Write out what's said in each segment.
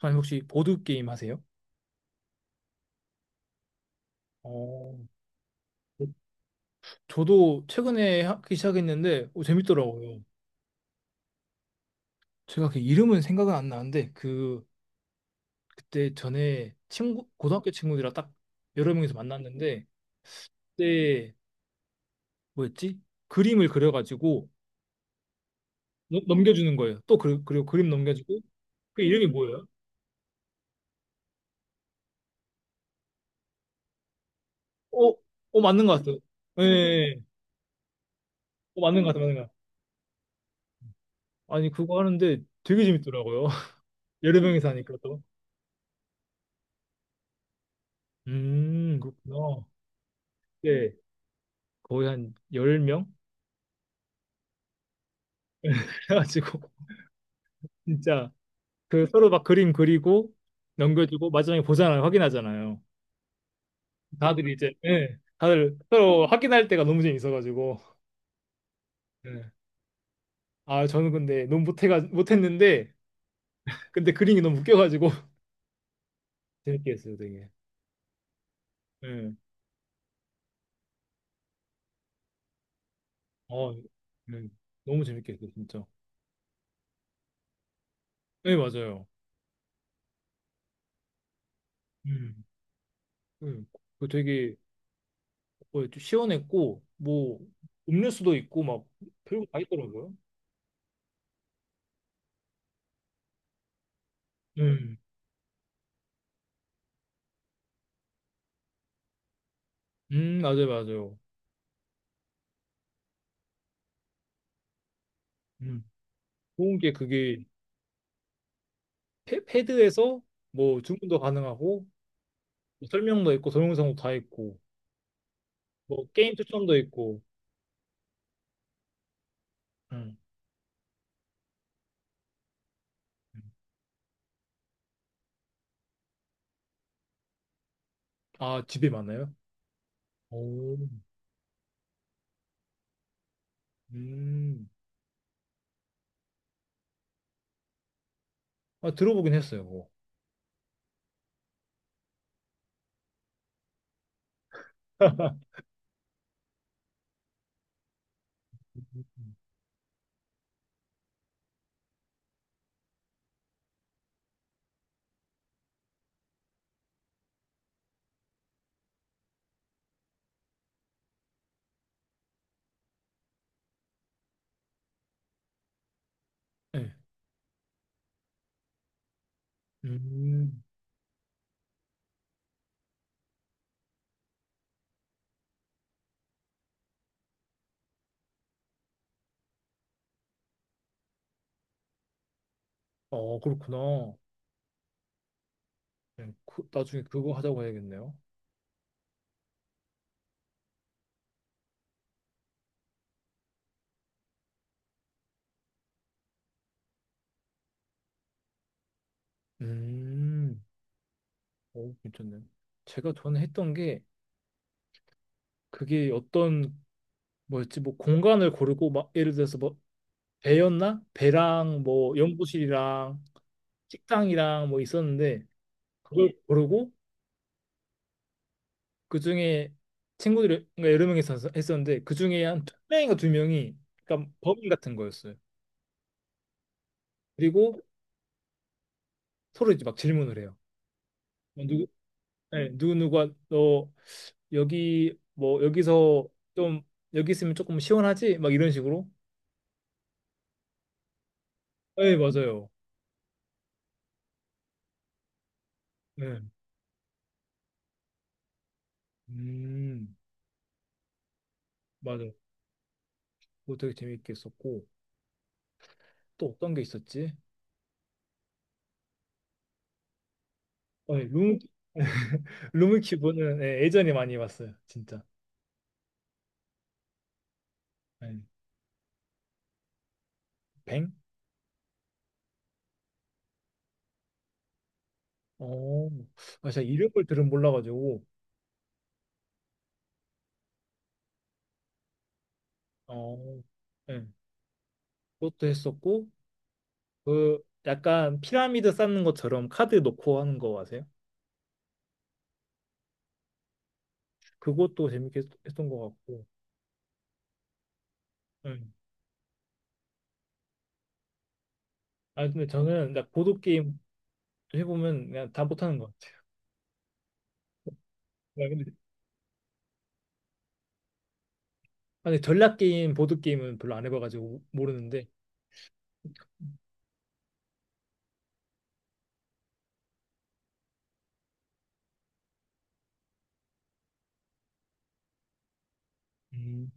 선생님 혹시 보드 게임 하세요? 어, 저도 최근에 하기 시작했는데 재밌더라고요. 제가 그 이름은 생각은 안 나는데 그 그때 전에 친구 고등학교 친구들이랑 딱 여러 명이서 만났는데 그때 뭐였지? 그림을 그려가지고 넘겨주는 거예요. 또 그, 그리고 그림 넘겨주고 그 이름이 뭐예요? 어, 어 맞는 것 같아요. 예, 예, 예. 어, 맞는 것 같아요, 맞는 것 같아요. 아니 그거 하는데 되게 재밌더라고요. 여러 명이서 하니까 또. 그렇구나. 네. 거의 한 10명? 그래가지고 진짜 그 서로 막 그림 그리고 넘겨주고 마지막에 보잖아요. 확인하잖아요. 다들 이제 예, 다들 서로 확인할 때가 너무 재밌어가지고 예. 아 저는 근데 너무 못해가 못했는데 근데 그림이 너무 웃겨가지고 재밌게 했어요 되게. 예. 어, 예. 너무 재밌게 했어요 진짜. 네 맞아요. 음. 음. 그 되게 뭐 시원했고 뭐 음료수도 있고 막 별거 다 있더라고요. 음. 맞아요 맞아요. 음. 좋은 게 그게 패드에서 뭐 주문도 가능하고 뭐 설명도 있고 동영상도 다 있고 뭐 게임 추천도 있고 음. 아 집에 많아요? 오, 음. 아 들어보긴 했어요. 그거. 네. 음. 어 그렇구나. 네, 그- 나중에 그거 하자고 해야겠네요. 음. 오 괜찮네요. 제가 전에 했던 게 그게 어떤 뭐였지 뭐 공간을 고르고 막 예를 들어서 뭐 배였나? 배랑 뭐 연구실이랑 식당이랑 뭐 있었는데 그걸 고르고 그중에 친구들이 그러니까 여러 명이 했었는데 그중에 한 두 명인가 두 명이 그러니까 범인 같은 거였어요. 그리고 서로 이제 막 질문을 해요. 뭐 누구 네, 누구 누가 너. 여기 뭐 여기서 좀 여기 있으면 조금 시원하지? 막 이런 식으로. 네, 맞아요. 네. 음, 맞아요. 그거 되게 재밌게 했었고 또 어떤 게 있었지? 네, 룸 루미큐브는 예, 예전에 많이 봤어요, 진짜. 예. 뱅? 어, 아, 제가 이름을 들은 몰라가지고, 어, 예, 그것도 했었고, 그 약간 피라미드 쌓는 것처럼 카드 놓고 하는 거 아세요? 그것도 재밌게 했던 것 같고, 예. 아, 근데 저는 나 보드게임 해보면 그냥 다 못하는 것 같아요. 아, 근데, 아, 근데 전략게임, 보드게임은 별로 안 해봐가지고 모르는데, 음.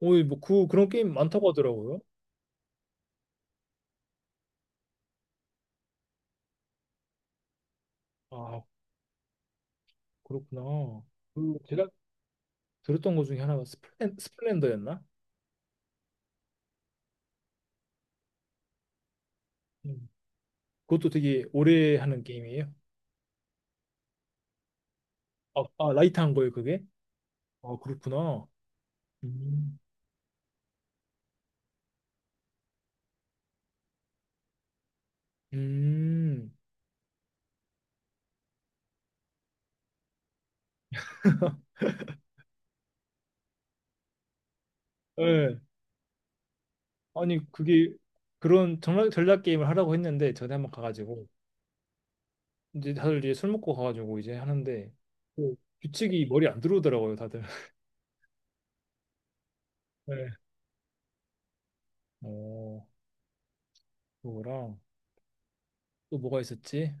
오, 뭐 그, 그런 게임 많다고 하더라고요. 아, 그렇구나. 그제가 들었던 것 중에 하나가 스플렌, 스플렌더였나? 음. 그것도 되게 오래 하는 게임이에요. 아, 아, 라이트한 거예요, 그게? 아, 그렇구나. 음. 음, 예. 아니, 그게 그런 전략, 전략 게임을 하라고 했는데, 전에 한번 가가지고, 이제 다들 이제 술 먹고 가가지고 이제 하는데, 그 규칙이 머리 안 들어오더라고요, 다들. 네. 어, 그거랑 또 뭐가 있었지?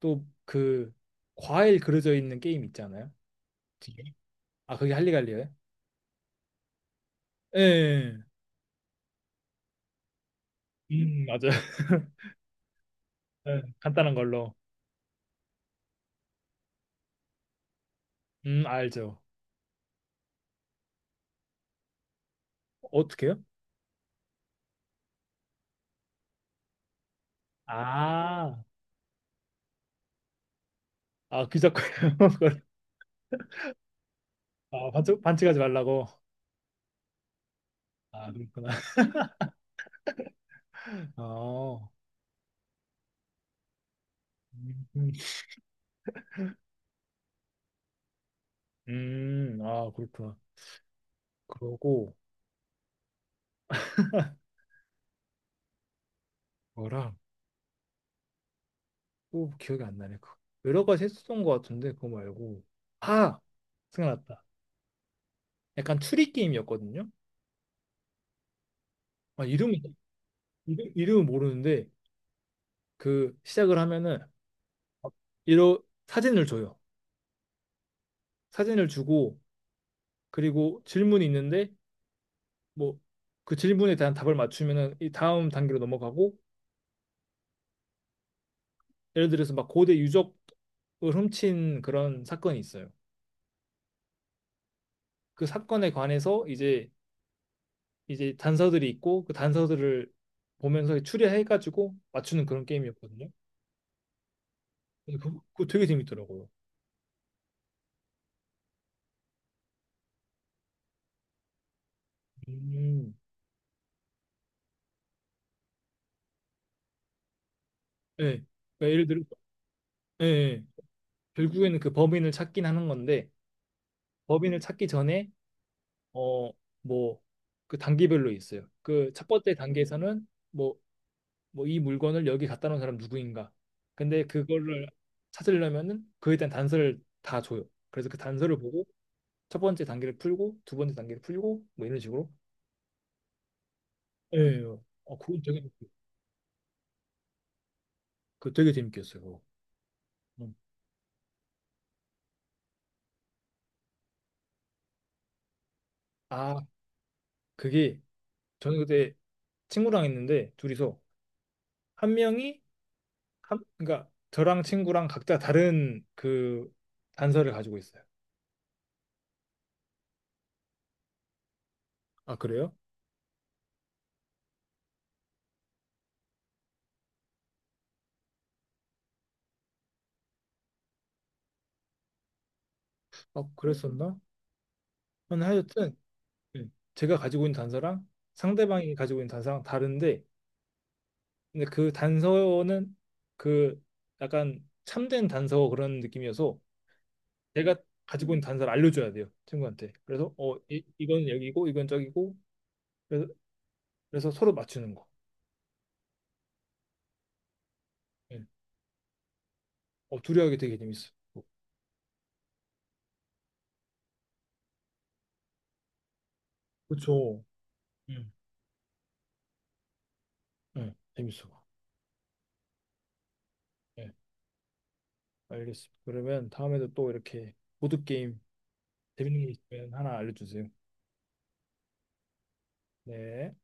또 그 과일 그려져 있는 게임 있잖아요. 뒤에? 아, 그게 할리갈리예요? 예. 맞아요. 네, 간단한 걸로. 알죠. 어떻게요? 아, 아, 귀잡고 요 아, 반칙, 반칙하지 말라고. 아, 그렇구나. 어, 음, 음, 아, 그렇구나. 그러고, 뭐랑, 또 기억이 안 나네. 그 여러 가지 했었던 것 같은데, 그거 말고. 아, 생각났다. 약간 추리 게임이었거든요. 아, 이름이, 이름, 이름은 모르는데, 그, 시작을 하면은, 이러, 사진을 줘요. 사진을 주고, 그리고 질문이 있는데, 뭐 그 질문에 대한 답을 맞추면은 이 다음 단계로 넘어가고 예를 들어서 막 고대 유적을 훔친 그런 사건이 있어요. 그 사건에 관해서 이제 이제 단서들이 있고 그 단서들을 보면서 추리해가지고 맞추는 그런 게임이었거든요. 근데 그거, 그거 되게 재밌더라고요. 음. 예. 그러니까 예를 들어 예. 예. 결국에는 그 범인을 찾긴 하는 건데 범인을 찾기 전에 어 뭐 그 단계별로 있어요. 그 첫 번째 단계에서는 뭐 뭐 이 물건을 여기 갖다 놓은 사람 누구인가. 근데 그거를 찾으려면은 그에 대한 단서를 다 줘요. 그래서 그 단서를 보고 첫 번째 단계를 풀고 두 번째 단계를 풀고 뭐 이런 식으로. 예. 어, 그건 되게 그 되게 재밌겠어요. 그거. 음. 아, 그게 저는 그때 친구랑 있는데 둘이서 한 명이 한 그러니까 저랑 친구랑 각자 다른 그 단서를 가지고 있어요. 아, 그래요? 아, 그랬었나? 하여튼 네. 제가 가지고 있는 단서랑 상대방이 가지고 있는 단서랑 다른데 근데 그 단서는 그 약간 참된 단서 그런 느낌이어서 제가 가지고 있는 단서를 알려줘야 돼요 친구한테 그래서 어 이, 이건 여기고 이건 저기고 그래서, 그래서 서로 맞추는 거 예. 어 둘이 하기 되게 재밌어 그쵸. 응. 예. 재밌어 예, 알겠습니다 그러면 다음에도 또 이렇게 보드게임 재밌는 게 있으면 하나 알려주세요 네